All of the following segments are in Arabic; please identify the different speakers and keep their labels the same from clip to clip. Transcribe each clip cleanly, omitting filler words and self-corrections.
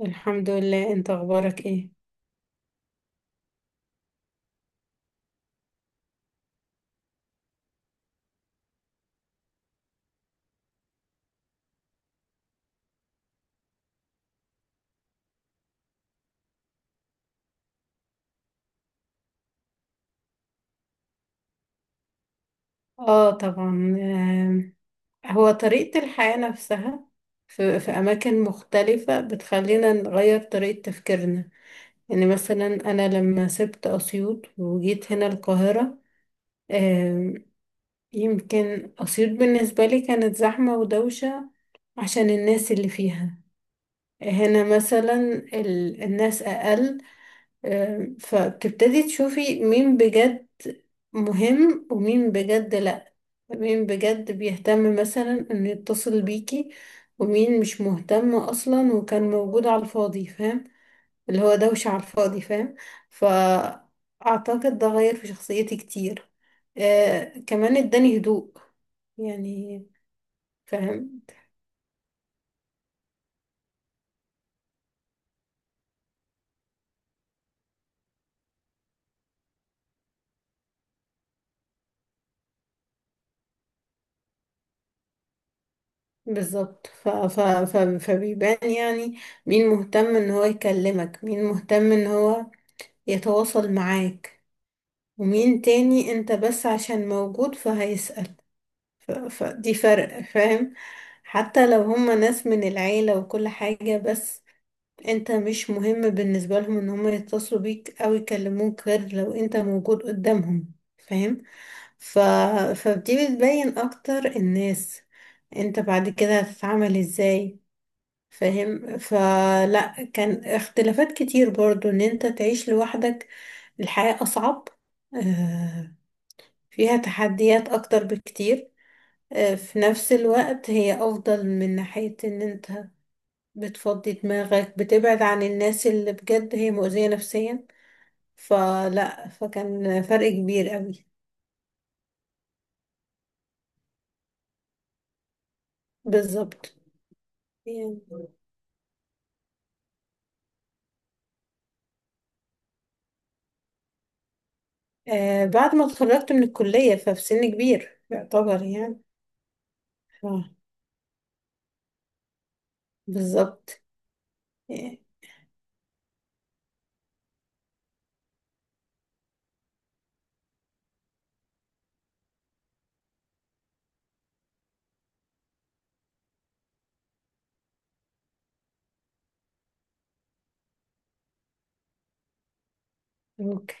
Speaker 1: الحمد لله، انت اخبارك ايه؟ اه طبعا. آم، هو طريقة الحياة نفسها. في اماكن مختلفة بتخلينا نغير طريقة تفكيرنا. يعني مثلا انا لما سبت اسيوط وجيت هنا القاهرة، آم، يمكن اسيوط بالنسبة لي كانت زحمة ودوشة عشان الناس اللي فيها. هنا مثلا الناس اقل. فبتبتدي تشوفي مين بجد مهم ومين بجد لأ. مين بجد بيهتم مثلا انه يتصل بيكي، ومين مش مهتم اصلا وكان موجود على الفاضي، فاهم؟ اللي هو دوشة على الفاضي، فاهم؟ فأعتقد ده غير في شخصيتي كتير. آه كمان اداني هدوء يعني. فاهم؟ بالظبط. ف... ف... ف... فبيبان يعني مين مهتم ان هو يكلمك، مين مهتم ان هو يتواصل معاك، ومين تاني انت بس عشان موجود فهيسأل. ف... فدي فرق، فاهم؟ حتى لو هما ناس من العيلة وكل حاجة، بس انت مش مهم بالنسبة لهم ان هما يتصلوا بيك او يكلموك غير لو انت موجود قدامهم، فاهم؟ ف... فدي بتبين اكتر الناس انت بعد كده هتتعامل ازاي. فاهم؟ فلا، كان اختلافات كتير برضو ان انت تعيش لوحدك. الحياة أصعب، آه، فيها تحديات أكتر بكتير. آه، في نفس الوقت هي أفضل من ناحية إن أنت بتفضي دماغك، بتبعد عن الناس اللي بجد هي مؤذية نفسيا. فلا، فكان فرق كبير قوي. بالظبط. يعني آه، بعد ما اتخرجت من الكلية، ففي سن كبير يعتبر يعني. ف- بالظبط. يعني- اوكي.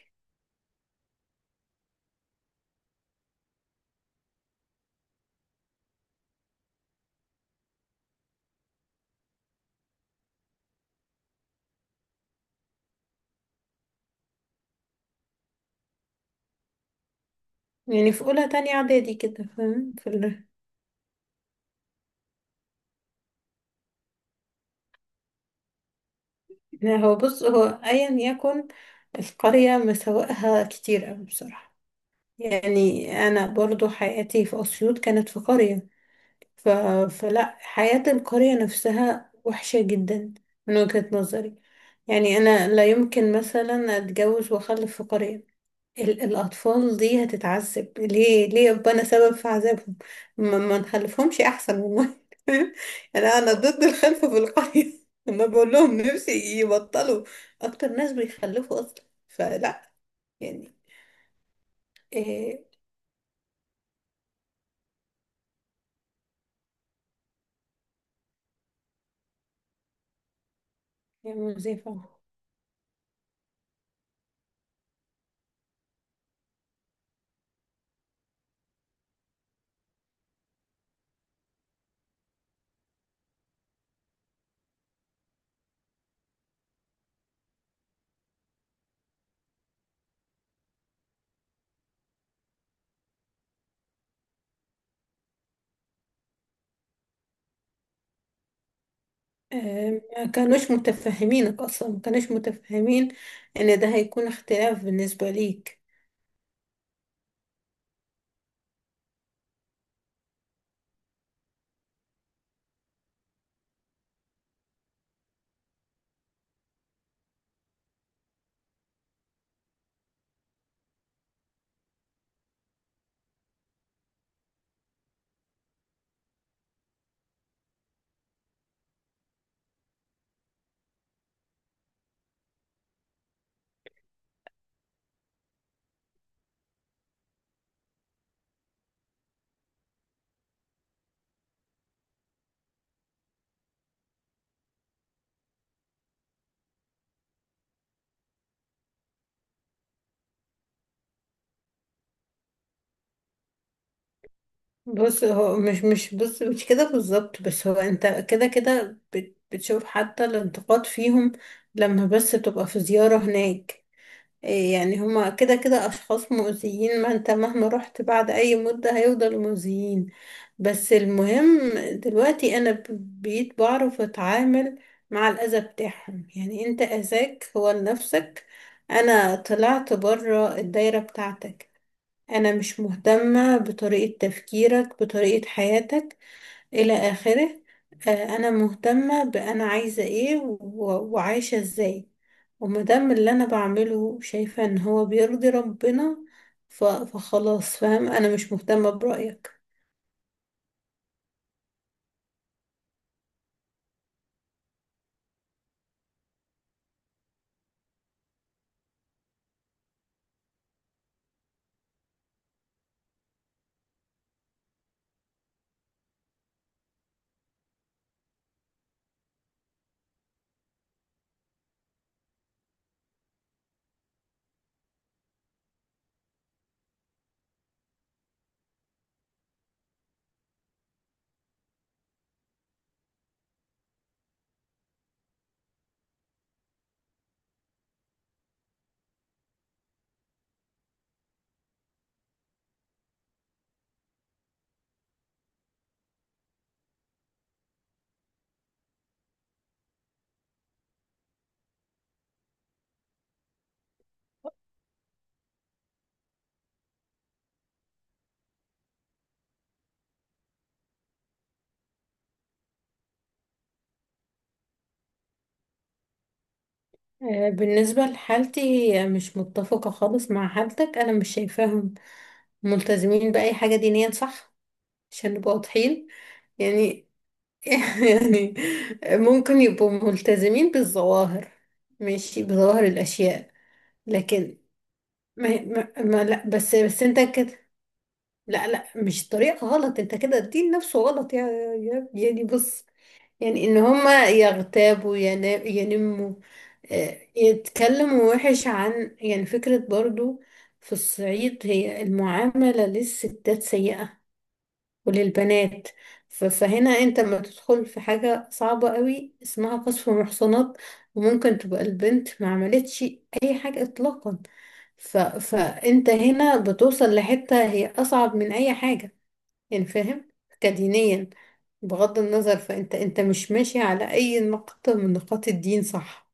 Speaker 1: يعني في أولى تانية إعدادي كده، فاهم؟ لا هو بص، هو أيا يكن، القرية مساوئها كتير أوي بصراحة. يعني أنا برضو حياتي في أسيوط كانت في قرية. ف... فلا، حياة القرية نفسها وحشة جدا من وجهة نظري. يعني أنا لا يمكن مثلا أتجوز وأخلف في قرية. الأطفال دي هتتعذب ليه؟ ليه أبقى أنا سبب في عذابهم؟ ما نخلفهمش أحسن والله. يعني أنا ضد الخلف في القرية. أنا بقول لهم نفسي يبطلوا. أكتر ناس بيخلفوا أصلا، فلا يعني. إيه؟ يا مزيفة. إيه؟ ما كانوش متفهمينك أصلا، ما كانوش متفهمين إن ده هيكون اختلاف بالنسبة ليك. بص هو مش كده بالظبط، بس هو انت كده كده بتشوف حتى الانتقاد فيهم لما بس تبقى في زيارة هناك. إيه يعني؟ هما كده كده أشخاص مؤذيين. ما انت مهما رحت بعد أي مدة هيفضلوا مؤذيين. بس المهم دلوقتي أنا بقيت بعرف أتعامل مع الأذى بتاعهم. يعني انت أذاك هو لنفسك. أنا طلعت بره الدايرة بتاعتك. أنا مش مهتمة بطريقة تفكيرك، بطريقة حياتك، إلى آخره. آه، أنا مهتمة بأنا عايزة إيه وعايشة إزاي. ومادام اللي أنا بعمله شايفة إن هو بيرضي ربنا، فخلاص، فاهم؟ أنا مش مهتمة برأيك. آه، بالنسبة لحالتي، هي مش متفقة خالص مع حالتك. أنا مش شايفاهم ملتزمين بأي حاجة دينيا، صح؟ عشان نبقى واضحين. يعني يعني ممكن يبقوا ملتزمين بالظواهر، ماشي، بظواهر الأشياء. لكن ما لا بس انت كده، لا لا، مش طريقة غلط، انت كده الدين نفسه غلط. يا يعني بص، يعني ان هما يغتابوا ينموا، آه، يتكلموا وحش عن، يعني، فكرة برضو في الصعيد هي المعاملة للستات سيئة وللبنات. فهنا انت لما تدخل في حاجة صعبة قوي اسمها قصف محصنات، وممكن تبقى البنت ما عملتش اي حاجة اطلاقا. فانت هنا بتوصل لحتة هي اصعب من اي حاجة. يعني فاهم؟ كدينيا، بغض النظر، فانت انت مش ماشي على اي نقطة من نقاط الدين، صح؟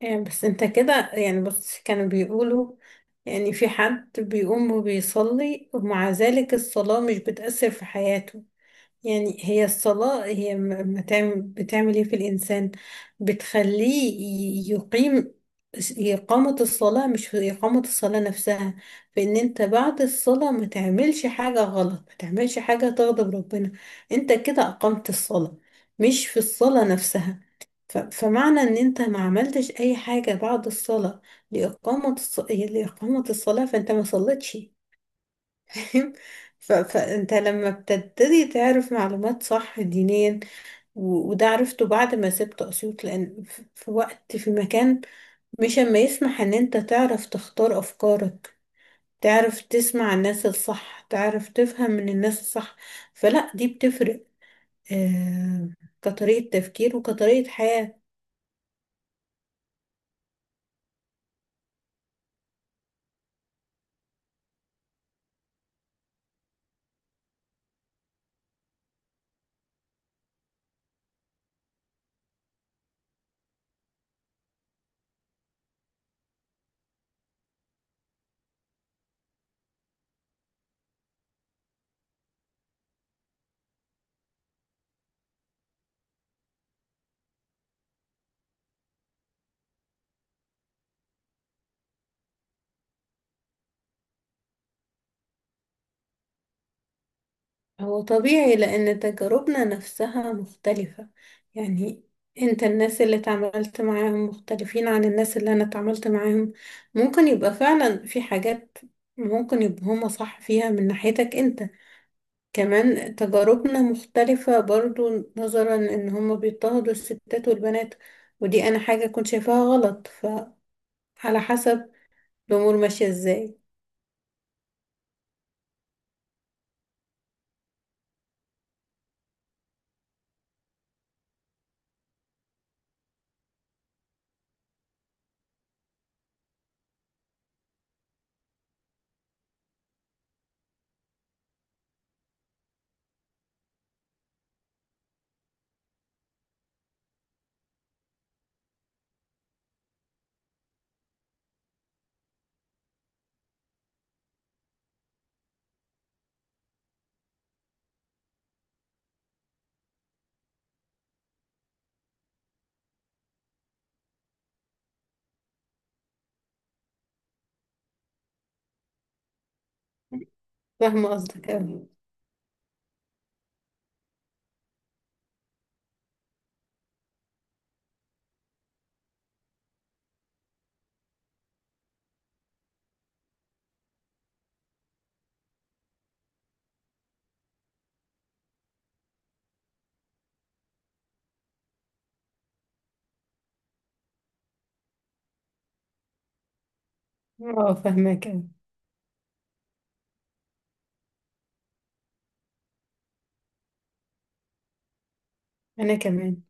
Speaker 1: يعني بس انت كده يعني بص، كانوا بيقولوا يعني في حد بيقوم وبيصلي ومع ذلك الصلاة مش بتأثر في حياته. يعني هي الصلاة هي بتعمل بتعمل ايه في الإنسان؟ بتخليه يقيم، إقامة الصلاة مش في إقامة الصلاة نفسها. فإن أنت بعد الصلاة ما تعملش حاجة غلط، ما تعملش حاجة تغضب ربنا، أنت كده أقمت الصلاة، مش في الصلاة نفسها. فمعنى إن أنت ما عملتش أي حاجة بعد الصلاة لإقامة لإقامة الصلاة، فأنت ما صليتش، فاهم؟ فانت لما بتبتدي تعرف معلومات صح دينيا، وده عرفته بعد ما سبت اسيوط، لان في وقت في مكان مش اما يسمح ان انت تعرف تختار افكارك، تعرف تسمع الناس الصح، تعرف تفهم من الناس الصح. فلا، دي بتفرق، آه، كطريقة تفكير وكطريقة حياة. هو طبيعي لأن تجاربنا نفسها مختلفة. يعني انت الناس اللي اتعاملت معاهم مختلفين عن الناس اللي انا اتعاملت معاهم. ممكن يبقى فعلا في حاجات ممكن يبقى هما صح فيها من ناحيتك انت. كمان تجاربنا مختلفة برضو نظرا ان هما بيضطهدوا الستات والبنات. ودي انا حاجة كنت شايفاها غلط، فعلى حسب الامور ماشية ازاي. فاهمة قصدك اوي. اه فاهمك اوي. انا كمان.